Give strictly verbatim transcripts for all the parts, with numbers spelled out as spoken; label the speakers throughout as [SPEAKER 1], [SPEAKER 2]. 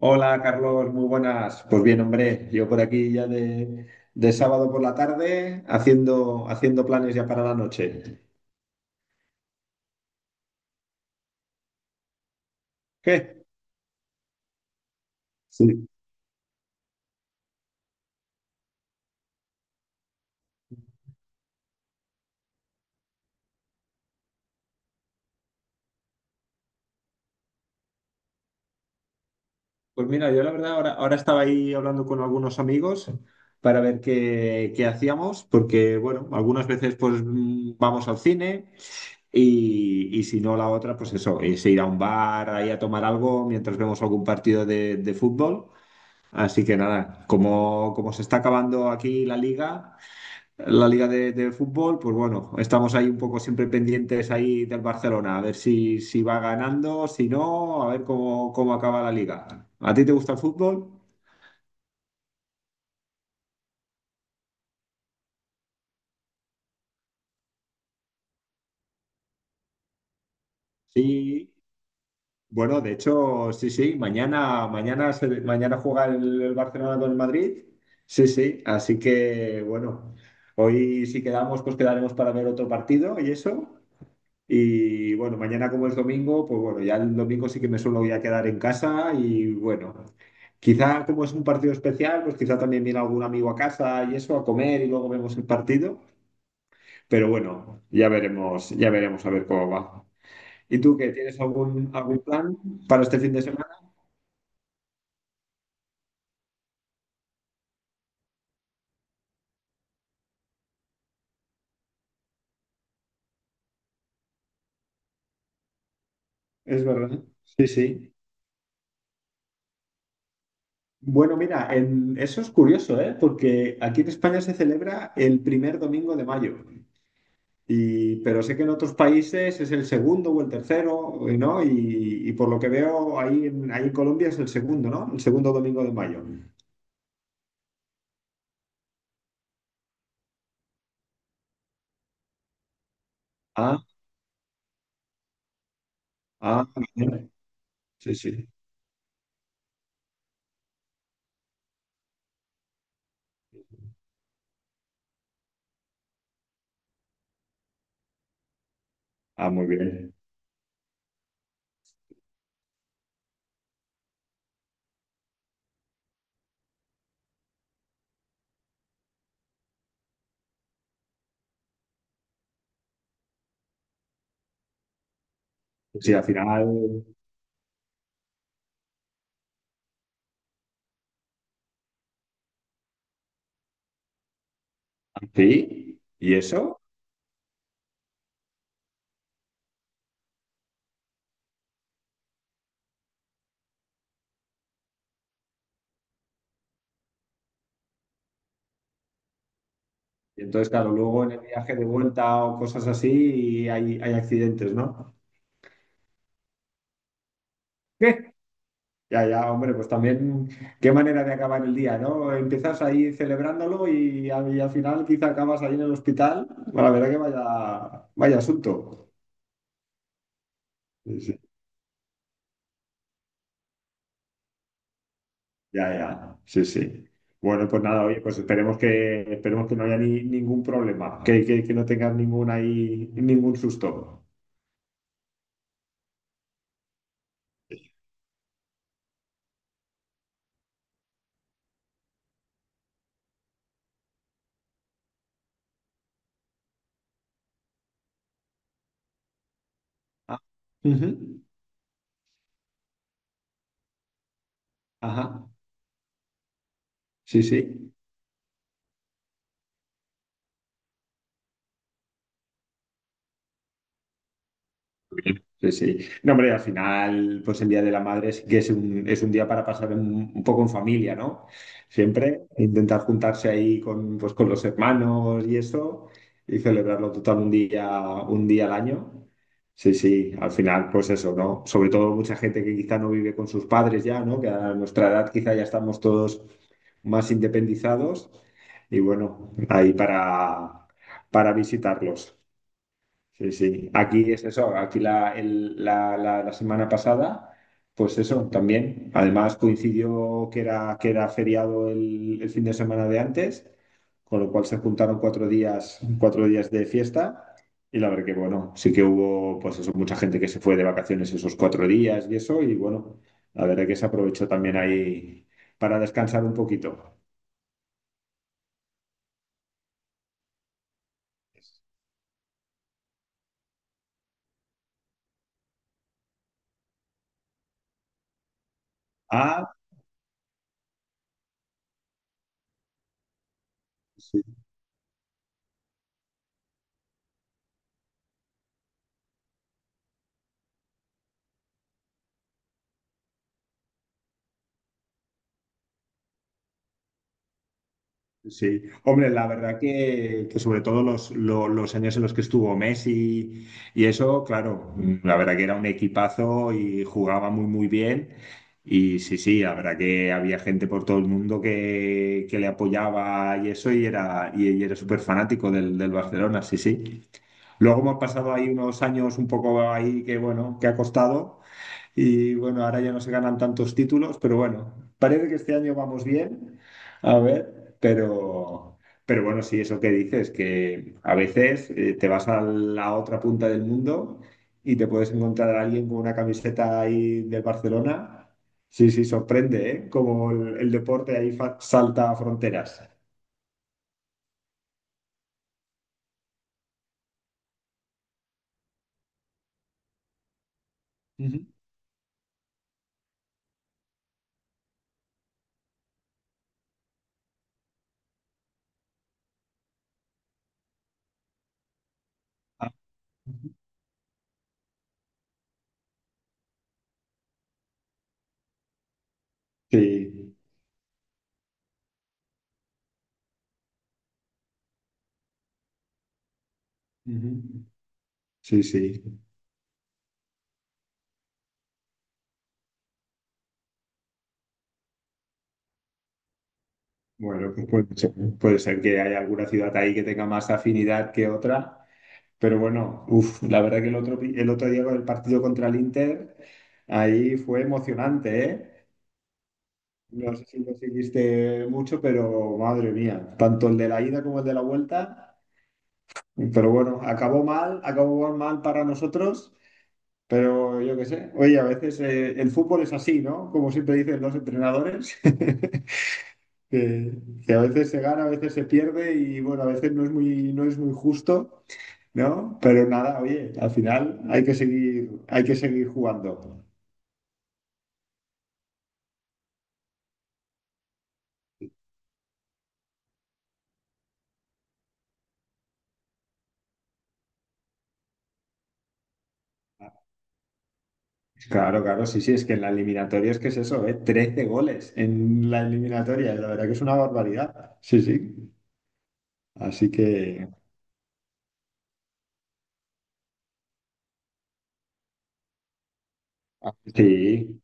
[SPEAKER 1] Hola Carlos, muy buenas. Pues bien, hombre, yo por aquí ya de, de sábado por la tarde haciendo, haciendo planes ya para la noche. ¿Qué? Sí. Pues mira, yo la verdad ahora, ahora estaba ahí hablando con algunos amigos para ver qué, qué hacíamos, porque bueno, algunas veces pues mm, vamos al cine y, y si no la otra, pues eso, es ir a un bar ahí a tomar algo mientras vemos algún partido de, de fútbol. Así que nada, como, como se está acabando aquí la liga. La liga de, de fútbol, pues bueno, estamos ahí un poco siempre pendientes ahí del Barcelona, a ver si, si va ganando, si no, a ver cómo, cómo acaba la liga. ¿A ti te gusta el fútbol? Sí, bueno, de hecho, sí, sí, mañana, mañana, se- mañana juega el, el Barcelona con el Madrid. Sí, sí, así que bueno, hoy si quedamos, pues quedaremos para ver otro partido y eso. Y bueno, mañana como es domingo, pues bueno, ya el domingo sí que me suelo ya quedar en casa y bueno, quizá como es un partido especial, pues quizá también viene algún amigo a casa y eso, a comer y luego vemos el partido. Pero bueno, ya veremos, ya veremos a ver cómo va. ¿Y tú qué? ¿Tienes algún, algún plan para este fin de semana? Es verdad. Sí, sí. Bueno, mira, en- eso es curioso, ¿eh? Porque aquí en España se celebra el primer domingo de mayo. Y, pero sé que en otros países es el segundo o el tercero, ¿no? Y, y por lo que veo ahí en, ahí en Colombia es el segundo, ¿no? El segundo domingo de mayo. Ah, ah, bien. Sí, sí. Ah, muy bien. Sí, al final, sí. ¿Y eso? Y entonces, claro, luego en el viaje de vuelta o cosas así hay, hay accidentes, ¿no? Ya, ya, hombre, pues también qué manera de acabar el día, ¿no? Empiezas ahí celebrándolo y, al y al final quizá acabas ahí en el hospital. Bueno, la verdad que vaya, vaya asunto. Sí, sí. Ya, ya, sí, sí. Bueno, pues nada, oye, pues esperemos que, esperemos que no haya ni- ningún problema, que, que, que no tengas ningún ahí, ningún susto. Ah, ujú. Ajá, sí, sí. Sí, sí. No, hombre, al final, pues el Día de la Madre sí que es un, es un día para pasar en- un poco en familia, ¿no? Siempre e intentar juntarse ahí con, pues, con los hermanos y eso y celebrarlo total un día, un día al año. Sí, sí, al final, pues eso, ¿no? Sobre todo mucha gente que quizá no vive con sus padres ya, ¿no? Que a nuestra edad quizá ya estamos todos más independizados y bueno, ahí para, para visitarlos. Sí, sí. Aquí es eso. Aquí la, el- la, la, la semana pasada, pues eso también. Además coincidió que era, que era feriado el, el fin de semana de antes, con lo cual se juntaron cuatro días, cuatro días de fiesta. Y la verdad que, bueno, sí que hubo, pues eso, mucha gente que se fue de vacaciones esos cuatro días y eso. Y bueno, la verdad que se aprovechó también ahí para descansar un poquito. Ah, sí. Sí, hombre, la verdad que, que sobre todo los, lo- los años en los que estuvo Messi y eso, claro, mm, la verdad que era un equipazo y jugaba muy, muy bien. Y sí, sí, la verdad que había gente por todo el mundo que, que le apoyaba y eso, y era, y, y era súper fanático del, del Barcelona, sí, sí. Luego hemos pasado ahí unos años un poco ahí que, bueno, que ha costado. Y bueno, ahora ya no se ganan tantos títulos, pero bueno, parece que este año vamos bien, a ver, pero, pero bueno, sí, eso que dices, que a veces eh, te vas a la otra punta del mundo y te puedes encontrar a alguien con una camiseta ahí de Barcelona. Sí, sí, sorprende, ¿eh? Como el, el deporte ahí fa- salta fronteras. Ujú. Ah, ujú. Sí. Ujú. Sí, sí. Bueno, pues puede ser, puede ser que haya alguna ciudad ahí que tenga más afinidad que otra, pero bueno, uf, la verdad que el otro, el otro día con el partido contra el Inter, ahí fue emocionante, ¿eh? No sé si lo seguiste mucho, pero madre mía, tanto el de la ida como el de la vuelta, pero bueno, acabó mal, acabó mal para nosotros, pero yo qué sé, oye, a veces eh, el fútbol es así, ¿no? Como siempre dicen los entrenadores. que, que a veces se gana, a veces se pierde y bueno, a veces no es muy, no es muy justo, ¿no? Pero nada, oye, al final hay que seguir, hay que seguir jugando. Claro, claro, sí, sí, es que en la eliminatoria es que es eso, ¿eh? Trece goles en la eliminatoria, la verdad que es una barbaridad. Sí, sí. Así que, sí,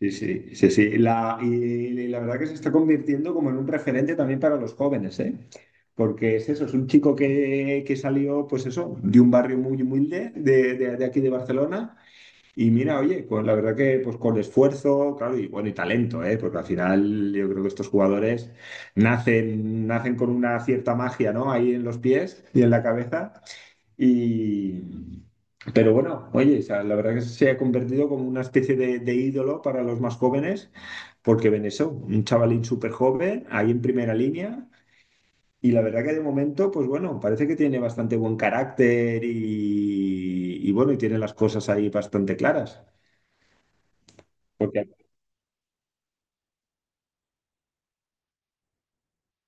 [SPEAKER 1] sí, sí, sí, sí. La, y, la verdad que se está convirtiendo como en un referente también para los jóvenes, ¿eh? Porque es eso, es un chico que, que salió, pues eso, de un barrio muy humilde de, de- de aquí de Barcelona. Y mira, oye, pues la verdad que pues con esfuerzo, claro, y bueno, y talento, ¿eh? Porque al final yo creo que estos jugadores nacen, nacen con una cierta magia, ¿no? Ahí en los pies y en la cabeza. Y, pero bueno, oye, o sea, la verdad que se ha convertido como una especie de, de ídolo para los más jóvenes, porque ven eso, un chavalín súper joven, ahí en primera línea, y la verdad que de momento, pues bueno, parece que tiene bastante buen carácter y, y bueno, y tiene las cosas ahí bastante claras. Porque,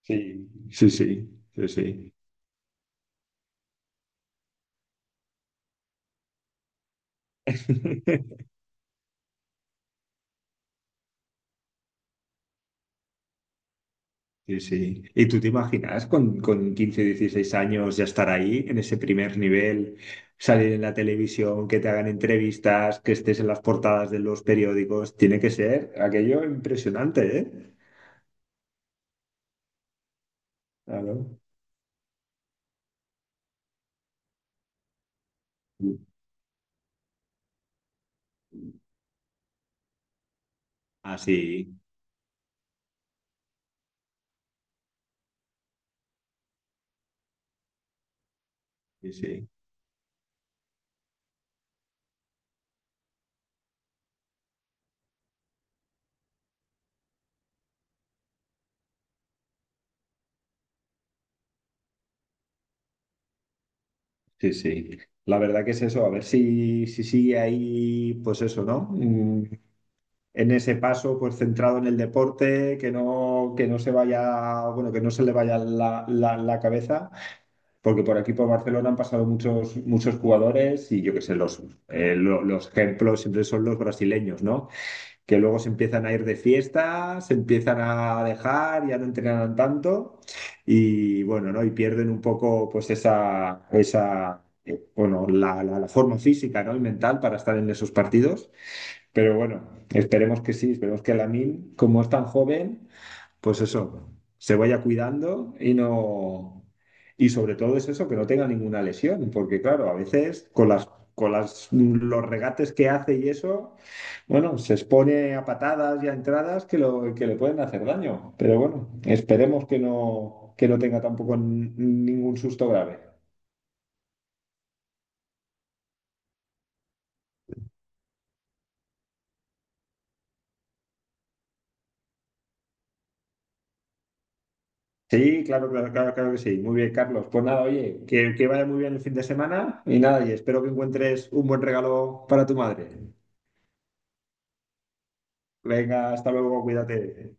[SPEAKER 1] sí, sí, sí, sí, sí. Sí, sí. ¿Y tú te imaginas con, con quince dieciséis años ya estar ahí, en ese primer nivel, salir en la televisión, que te hagan entrevistas, que estés en las portadas de los periódicos? Tiene que ser aquello impresionante, ¿eh? Claro. Ah, sí, sí, sí, sí, sí. La verdad que es eso, a ver si, si sigue ahí, pues eso, ¿no? Mm, En ese paso, pues centrado en el deporte, que no, que no se vaya, bueno, que no se le vaya la, la, la cabeza. Porque por aquí, por Barcelona, han pasado muchos, muchos jugadores y yo qué sé, los, eh, lo- los ejemplos siempre son los brasileños, ¿no? Que luego se empiezan a ir de fiesta, se empiezan a dejar, ya no entrenan tanto y bueno, ¿no? Y pierden un poco pues esa, esa eh, bueno, la, la- la forma física, ¿no? Y mental para estar en esos partidos. Pero bueno, esperemos que sí, esperemos que Lamine, como es tan joven pues eso, se vaya cuidando y no. Y sobre todo es eso, que no tenga ninguna lesión, porque claro, a veces con las, con las, los regates que hace y eso, bueno, se expone a patadas y a entradas que, lo, que le pueden hacer daño. Pero bueno, esperemos que no, que no tenga tampoco n- ningún susto grave. Sí, claro, claro, claro, claro que sí. Muy bien, Carlos. Pues nada, oye, que, que vaya muy bien el fin de semana y nada, y espero que encuentres un buen regalo para tu madre. Venga, hasta luego, cuídate.